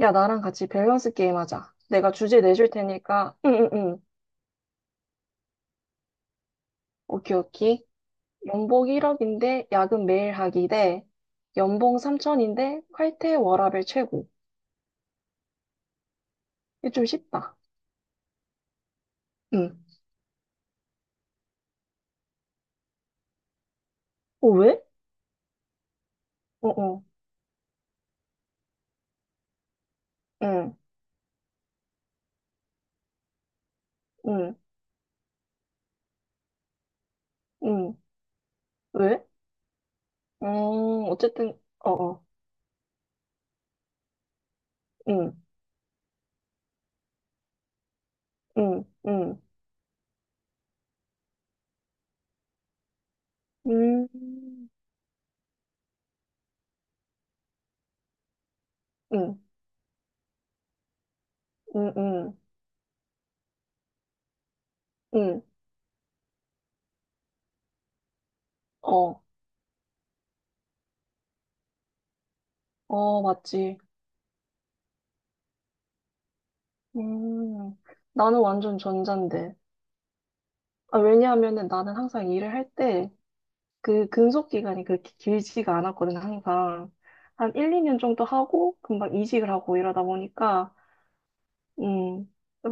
야, 나랑 같이 밸런스 게임 하자. 내가 주제 내줄 테니까. 응, 응, 응. 오케이, 오케이. 연봉 1억인데 야근 매일 하기 대 연봉 3천인데 칼퇴 워라밸 최고. 이게 좀 쉽다. 응. 어, 왜? 어, 어. 응, 응, 응. 왜? 어쨌든, 어, 어. 응, 응, 응. 음, 응, 응, 응, 응. 어, 어, 맞지. 음, 나는 완전 전자인데. 아, 왜냐하면은 나는 항상 일을 할 때 그 근속 기간이 그렇게 길지가 않았거든, 항상. 한 1, 2년 정도 하고 금방 이직을 하고 이러다 보니까, 음,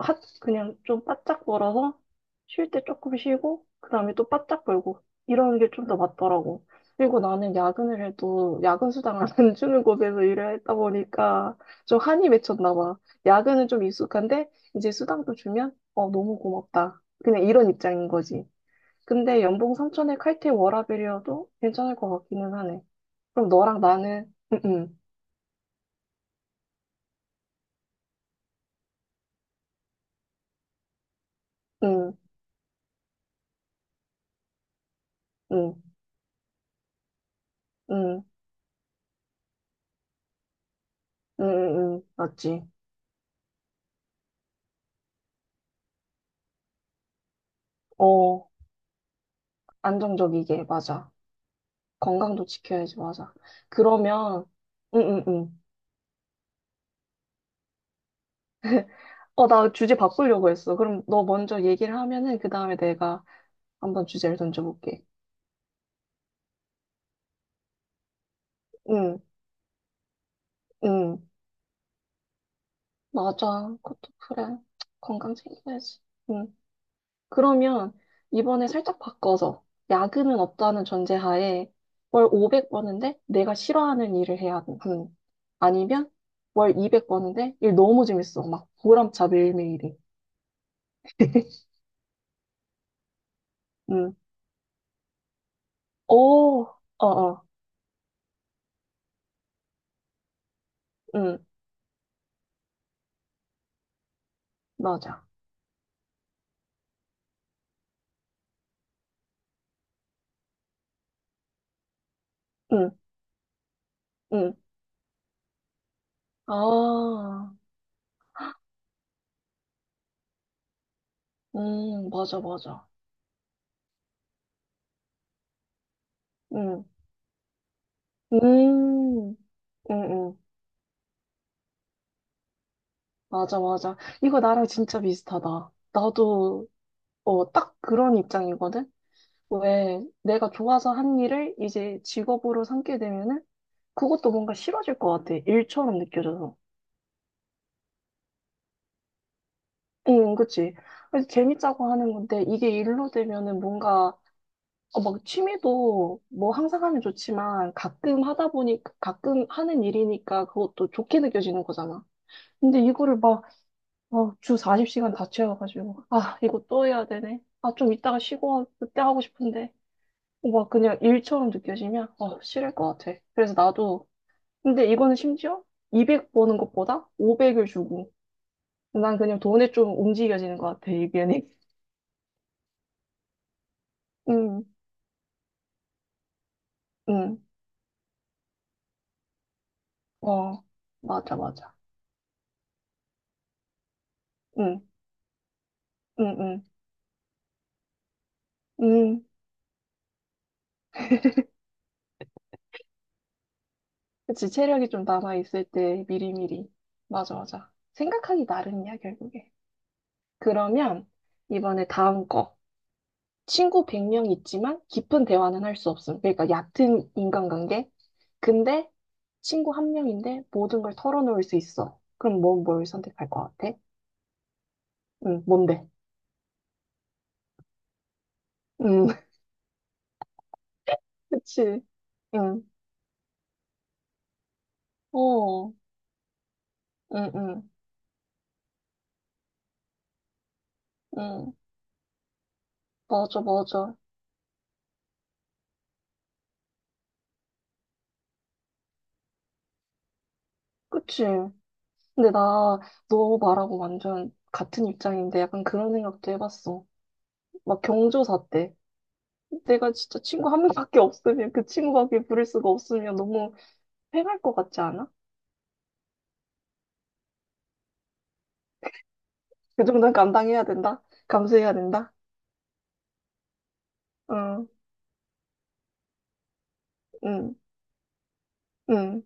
하, 그냥 좀 바짝 벌어서 쉴 때 조금 쉬고, 그 다음에 또 바짝 벌고, 이런 게 좀 더 맞더라고. 그리고 나는 야근을 해도 야근 수당을 안 주는 곳에서 일을 했다 보니까 좀 한이 맺혔나 봐. 야근은 좀 익숙한데, 이제 수당도 주면, 어, 너무 고맙다. 그냥 이런 입장인 거지. 근데 연봉 3천에 칼퇴 워라밸이어도 괜찮을 것 같기는 하네. 그럼 너랑 나는, 응, 응, 응, 응, 응, 응, 응, 응, 맞지. 어, 안정적이게, 맞아. 건강도 지켜야지, 맞아. 그러면, 응, 응, 응. 어, 나 주제 바꾸려고 했어. 그럼 너 먼저 얘기를 하면은, 그 다음에 내가 한번 주제를 던져볼게. 응, 응, 맞아. 그것도 그래. 건강 챙겨야지. 응. 그러면 이번에 살짝 바꿔서 야근은 없다는 전제하에 월 500 버는데 내가 싫어하는 일을 해야 하는, 아니면 월 200 버는데 일 너무 재밌어 막 보람차 매일매일이. 음. 오, 어어. 음. 맞아. 음. 음. 아, 맞아, 맞아. 음, 음, 음, 음, 맞아, 맞아. 이거 나랑 진짜 비슷하다. 나도, 어, 딱 그런 입장이거든? 왜 내가 좋아서 한 일을 이제 직업으로 삼게 되면은 그것도 뭔가 싫어질 것 같아. 일처럼 느껴져서. 응, 그치. 그래서 재밌자고 하는 건데 이게 일로 되면은 뭔가, 어, 막 취미도 뭐 항상 하면 좋지만 가끔 하다 보니 가끔 하는 일이니까 그것도 좋게 느껴지는 거잖아. 근데 이거를 막, 어, 주 40시간 다 채워가지고, 아, 이거 또 해야 되네. 아, 좀 이따가 쉬고, 그때 하고 싶은데. 어, 막 그냥 일처럼 느껴지면, 어, 싫을 것 같아. 그래서 나도. 근데 이거는 심지어 200 버는 것보다 500을 주고. 난 그냥 돈에 좀 움직여지는 것 같아, 의견이. 응, 응, 어, 맞아, 맞아. 응, 응, 응, 응. 그치, 체력이 좀 남아있을 때 미리미리. 맞아, 맞아. 생각하기 나름이야, 결국에. 그러면 이번에 다음 거. 친구 100명 있지만 깊은 대화는 할 수 없음, 그러니까 얕은 인간관계. 근데 친구 한 명인데 모든 걸 털어놓을 수 있어. 그럼 뭘 선택할 것 같아? 응, 뭔데? 응, 그치. 응, 어, 응, 응, 응. 맞아, 맞아. 그치. 근데 나, 너 말하고 완전 같은 입장인데 약간 그런 생각도 해봤어. 막 경조사 때. 내가 진짜 친구 한 명밖에 없으면, 그 친구밖에 부를 수가 없으면 너무 패할 것 같지 않아? 그 정도는 감당해야 된다. 감수해야 된다. 응, 응, 응.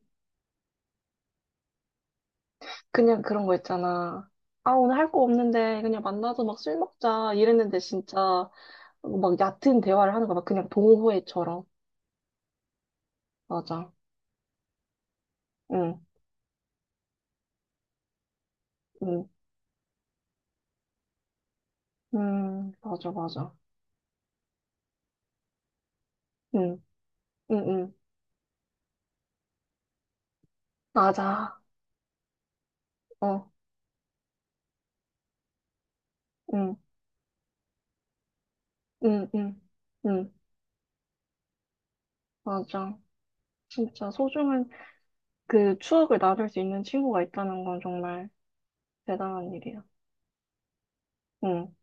그냥 그런 거 있잖아. 아, 오늘 할 거 없는데 그냥 만나서 막 술 먹자. 이랬는데 진짜. 어, 막 얕은 대화를 하는 거야. 막 그냥 동호회처럼. 맞아. 응, 응, 응, 맞아, 맞아. 응, 응, 응, 맞아. 어, 응, 응, 응, 응, 맞아. 진짜 소중한 그 추억을 나눌 수 있는 친구가 있다는 건 정말 대단한 일이야. 응.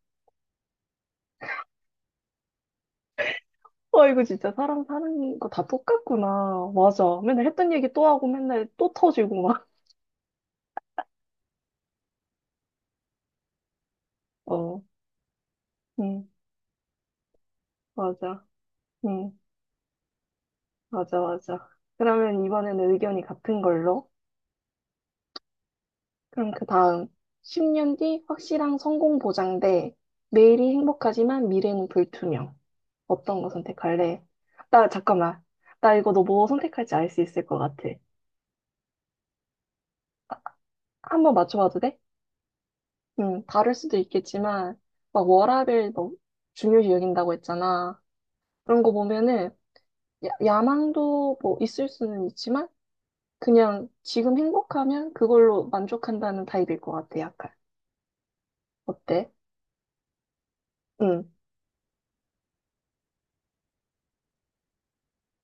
와, 이거 진짜 사람 사는 거 다 똑같구나. 맞아. 맨날 했던 얘기 또 하고 맨날 또 터지고 막. 어, 응, 맞아. 응, 맞아, 맞아. 그러면 이번에는 의견이 같은 걸로. 그럼 그 다음, 10년 뒤 확실한 성공 보장 대 매일이 행복하지만 미래는 불투명. 어떤 거 선택할래? 나, 잠깐만. 나 이거 너 뭐 선택할지 알 수 있을 것 같아. 한번 맞춰봐도 돼? 응, 다를 수도 있겠지만, 막 워라밸 너 중요시 여긴다고 했잖아. 그런 거 보면은, 야, 야망도 뭐 있을 수는 있지만, 그냥 지금 행복하면 그걸로 만족한다는 타입일 것 같아, 약간. 어때? 응.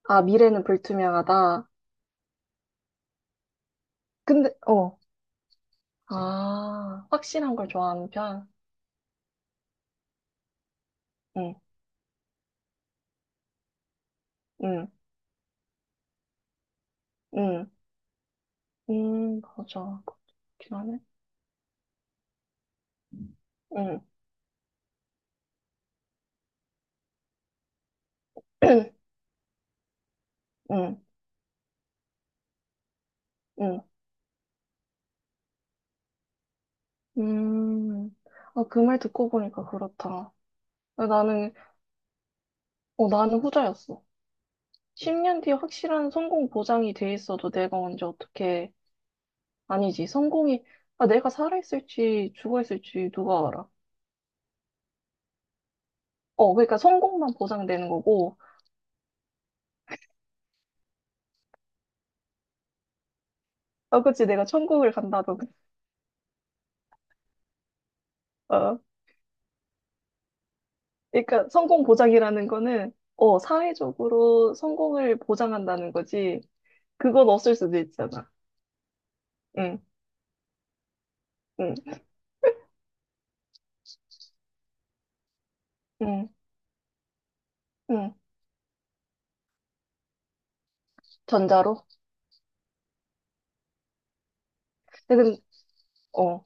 아, 미래는 불투명하다. 근데, 어, 아, 확실한 걸 좋아하는 편? 응, 응, 응, 응, 맞아. 그렇긴 하네. 응, 응, 응, 음. 아, 그 말 듣고 보니까 그렇다. 아, 나는, 어, 나는 후자였어. 10년 뒤에 확실한 성공 보장이 돼 있어도 내가 언제 어떻게, 아니지, 성공이, 아, 내가 살아있을지 죽어있을지 누가 알아. 어, 그러니까 성공만 보장되는 거고, 아, 그치, 내가 천국을 간다던가. 그러니까 성공 보장이라는 거는 어, 사회적으로 성공을 보장한다는 거지. 그건 없을 수도 있잖아. 응, 응, 응, 응. 전자로? 근데, 어,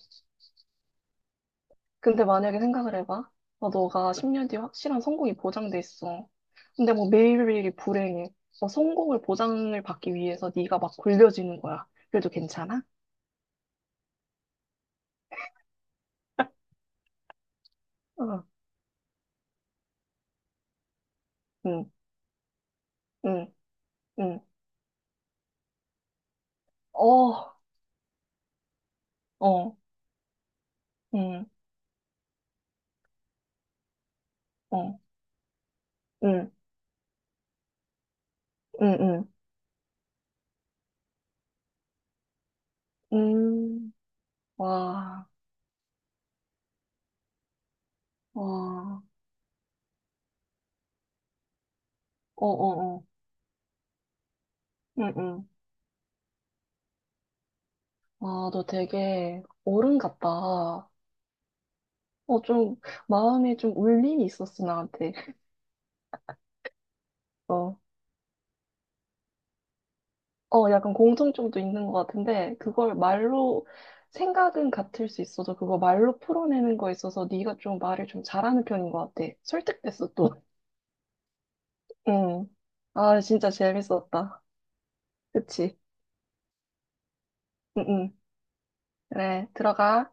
근데 만약에 생각을 해봐. 어, 너가 10년 뒤에 확실한 성공이 보장돼 있어. 근데 뭐 매일매일이 불행해. 어, 성공을 보장을 받기 위해서 네가 막 굴려지는 거야. 그래도 괜찮아? 어, 응, 응, 응. 어, 어, 응, 어, 응, 응, 응. 응. 와. 와, 어어어, 응응. 아, 너 되게 어른 같다. 어, 좀, 마음에 좀 울림이 있었어, 나한테. 어, 어, 약간 공통점도 있는 것 같은데, 그걸 말로, 생각은 같을 수 있어도, 그거 말로 풀어내는 거에 있어서 네가 좀 말을 좀 잘하는 편인 것 같아. 설득됐어, 또. 응. 아, 진짜 재밌었다. 그치? 응응. 그래, 들어가.